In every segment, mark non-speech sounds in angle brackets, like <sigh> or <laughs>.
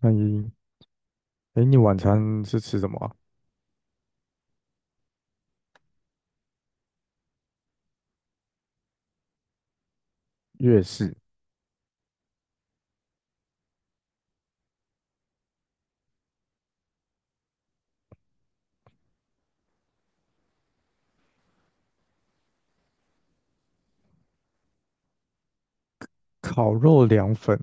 那你，哎，你晚餐是吃什么啊？粤式烤肉凉粉、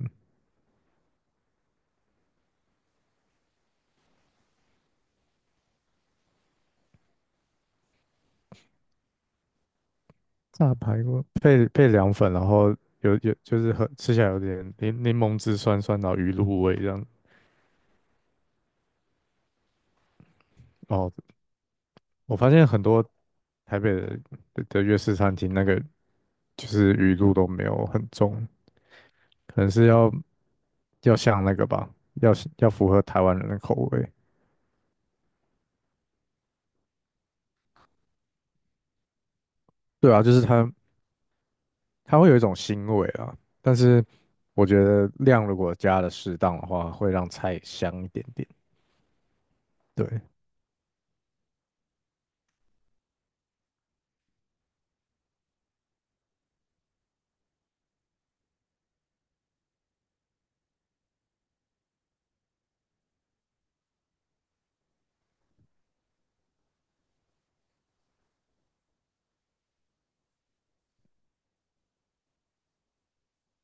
炸排骨配凉粉，然后有有就是很吃起来有点柠檬汁酸酸，然后鱼露味这样。哦，我发现很多台北的粤式餐厅那个就是鱼露都没有很重，可能是要像那个吧，要要符合台湾人的口味。对啊，就是它会有一种腥味啊，但是我觉得量如果加的适当的话，会让菜香一点点。对，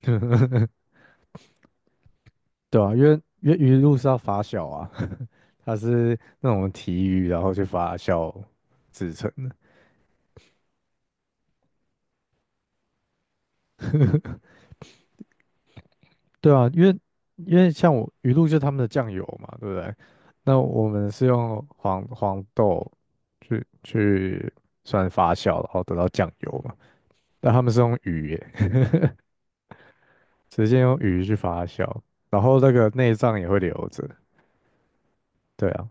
<laughs> 对啊，因为鱼露是要发酵啊，<laughs> 它是那种提鱼然后去发酵制成的。对啊，因为像我鱼露就是他们的酱油嘛，对不对？那我们是用黄豆去算发酵，然后得到酱油嘛，但他们是用鱼耶。直接用鱼去发酵，然后那个内脏也会留着。对啊，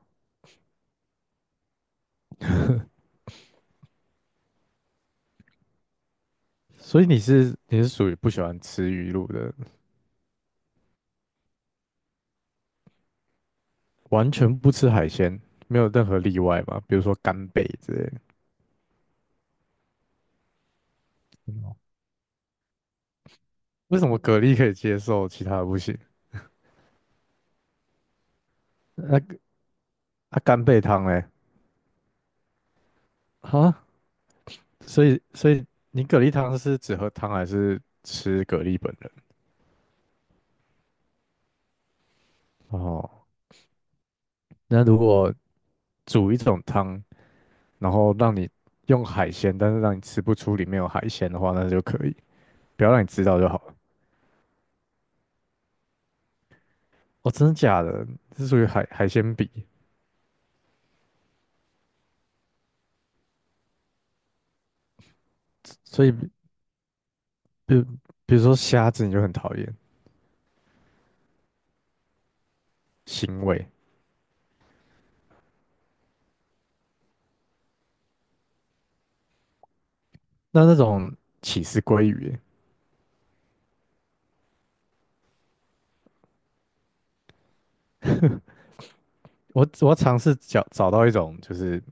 所以你是属于不喜欢吃鱼露的人。完全不吃海鲜，没有任何例外嘛？比如说干贝之类的。为什么蛤蜊可以接受，其他的不行？那个啊，干贝汤嘞？啊，所以你蛤蜊汤是只喝汤还是吃蛤蜊本人？哦，那如果煮一种汤，然后让你用海鲜，但是让你吃不出里面有海鲜的话，那就可以。不要让你知道就好了。哦，真的假的？这属于海鲜比，所以比如比如说虾子你就很讨厌腥味。那那种起司鲑鱼欸，我要尝试找到一种就是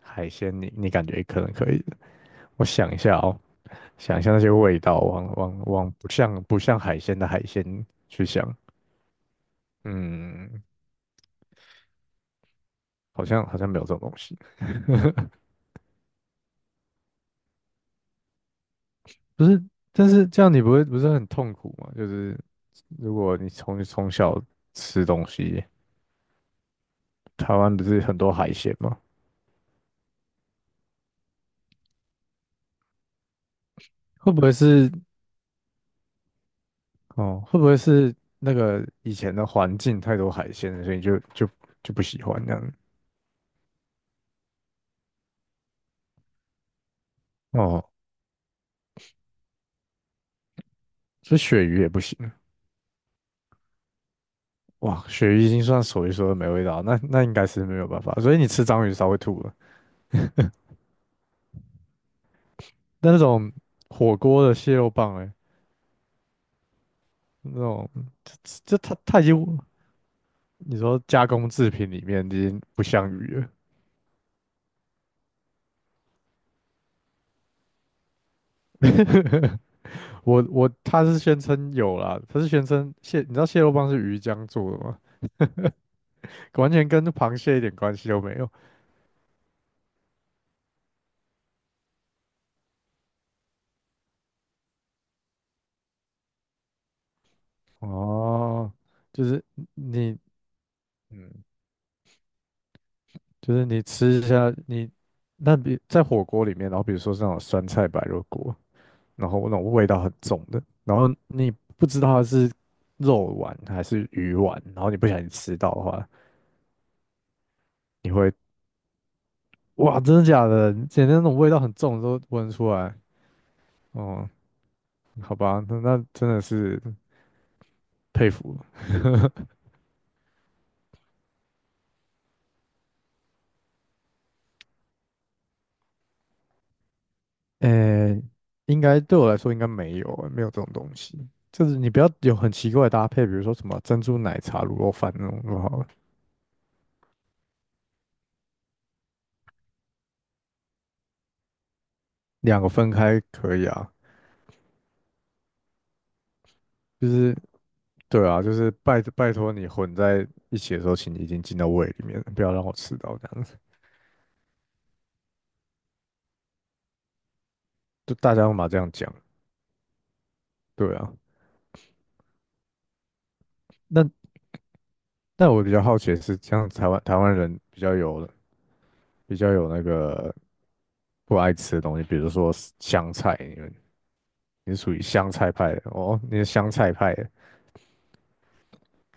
海鲜你，你感觉可能可以的。我想一下哦，想一下那些味道，往不像海鲜的海鲜去想，嗯，好像没有这种东西。<laughs> 不是，但是这样你不会不是很痛苦吗？就是如果你从小吃东西，台湾不是很多海鲜吗？会不会是哦？会不会是那个以前的环境太多海鲜了所以就不喜欢这样？哦，所以鳕鱼也不行。哇，鳕鱼已经算所一数二没味道，那那应该是没有办法。所以你吃章鱼烧会吐了。但那种火锅的蟹肉棒、欸，哎，那种这这它它已经你说加工制品里面已经不像鱼了。我他是宣称有啦，他是宣称蟹，你知道蟹肉棒是鱼浆做的吗？完全跟螃蟹一点关系都没有。哦，就是你，嗯，就是你吃一下你。那比在火锅里面，然后比如说是那种酸菜白肉锅，然后那种味道很重的，然后你不知道它是肉丸还是鱼丸，然后你不小心吃到的话，你会。哇，真的假的？简直那种味道很重都闻得出来。哦，好吧，那那真的是佩服了。诶，应该对我来说应该没有欸，没有这种东西。就是你不要有很奇怪的搭配，比如说什么珍珠奶茶、卤肉饭那种就好了，两个分开可以啊。就是对啊，就是拜托你混在一起的时候，请你已经进到胃里面了，不要让我吃到这样子。就大家都嘛这样讲，对啊。那但我比较好奇的是，像台湾人比较有那个不爱吃的东西，比如说香菜，你们你是属于香菜派的哦，你是香菜派的，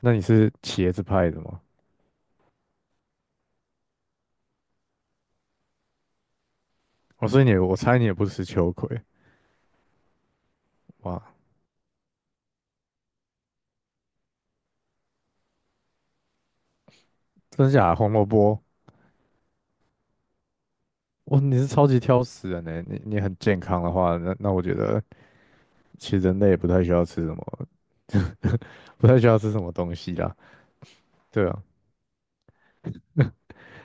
那你是茄子派的吗？哦，所以你我猜你也不吃秋葵，哇，真假的红萝卜，哇，你是超级挑食人呢，你你很健康的话，那那我觉得其实人类也不太需要吃什么，不太需要吃什么东西啦，对啊，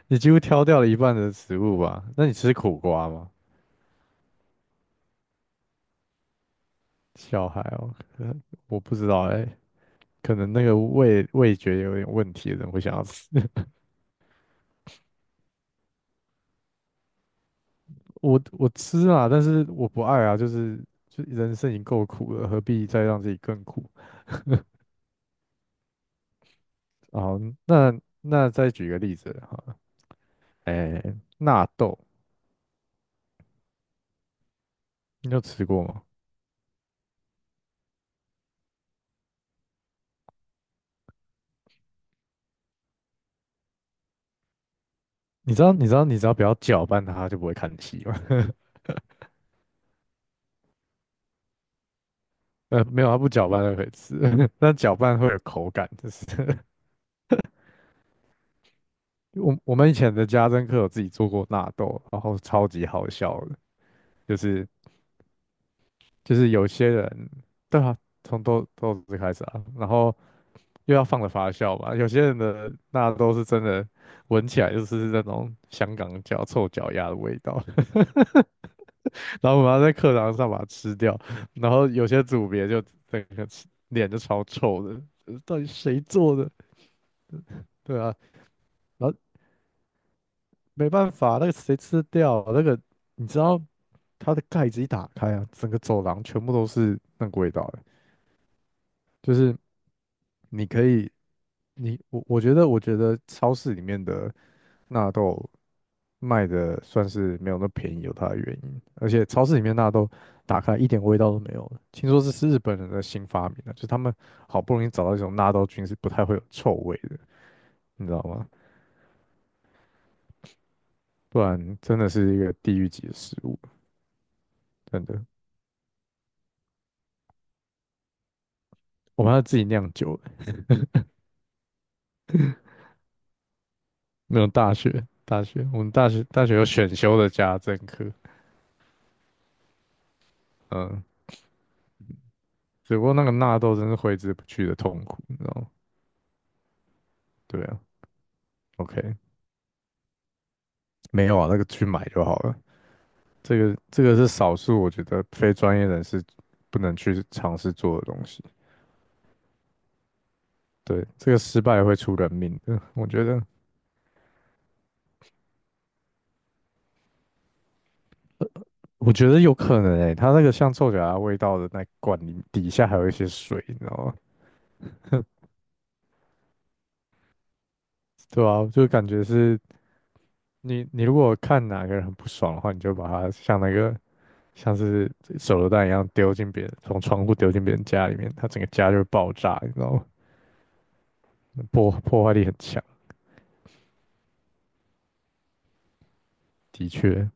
你几乎挑掉了一半的食物吧？那你吃苦瓜吗？小孩哦，可我不知道哎、可能那个味觉有点问题的人会想要吃。<laughs> 我吃啊，但是我不爱啊，就是就人生已经够苦了，何必再让自己更苦？好，那那再举个例子哈，哎，纳豆，你有吃过吗？你知道你只要不要搅拌它，它就不会看稀吗？<laughs> 没有，它不搅拌就可以吃，<laughs> 但搅拌会有口感，就是 <laughs> 我们以前的家政课有自己做过纳豆，然后超级好笑的，就是。就是有些人，对啊，从豆子开始啊，然后又要放了发酵嘛，有些人的那都是真的，闻起来就是那种香港脚、臭脚丫的味道，<laughs> 然后我们要在课堂上把它吃掉，然后有些组别就整个吃脸就超臭的，呃到底谁做的？对啊，然后没办法，那个谁吃得掉那个，你知道它的盖子一打开啊，整个走廊全部都是那个味道的，就是。你可以，你我觉得，我觉得超市里面的纳豆卖的算是没有那么便宜，有它的原因。而且超市里面纳豆打开一点味道都没有了，听说这是日本人的新发明的，就他们好不容易找到一种纳豆菌是不太会有臭味的，你知道吗？不然真的是一个地狱级的食物，真的。我们还要自己酿酒，没有大学，大学我们大学有选修的家政课，嗯，只不过那个纳豆真是挥之不去的痛苦，你知道吗？对啊，OK，没有啊，那个去买就好了。这个是少数我觉得非专业人士不能去尝试做的东西。对，这个失败会出人命的，我觉得我觉得有可能诶、它那个像臭脚丫味道的那罐里底下还有一些水，你知道吗？对啊，就感觉是你你如果看哪个人很不爽的话，你就把他像那个像是手榴弹一样丢进别人，从窗户丢进别人家里面，他整个家就会爆炸，你知道吗？破坏力很强，的确。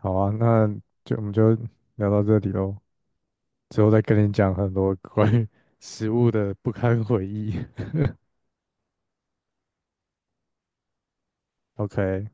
好啊，那我们就聊到这里喽，之后再跟你讲很多关于食物的不堪回忆。<laughs> OK。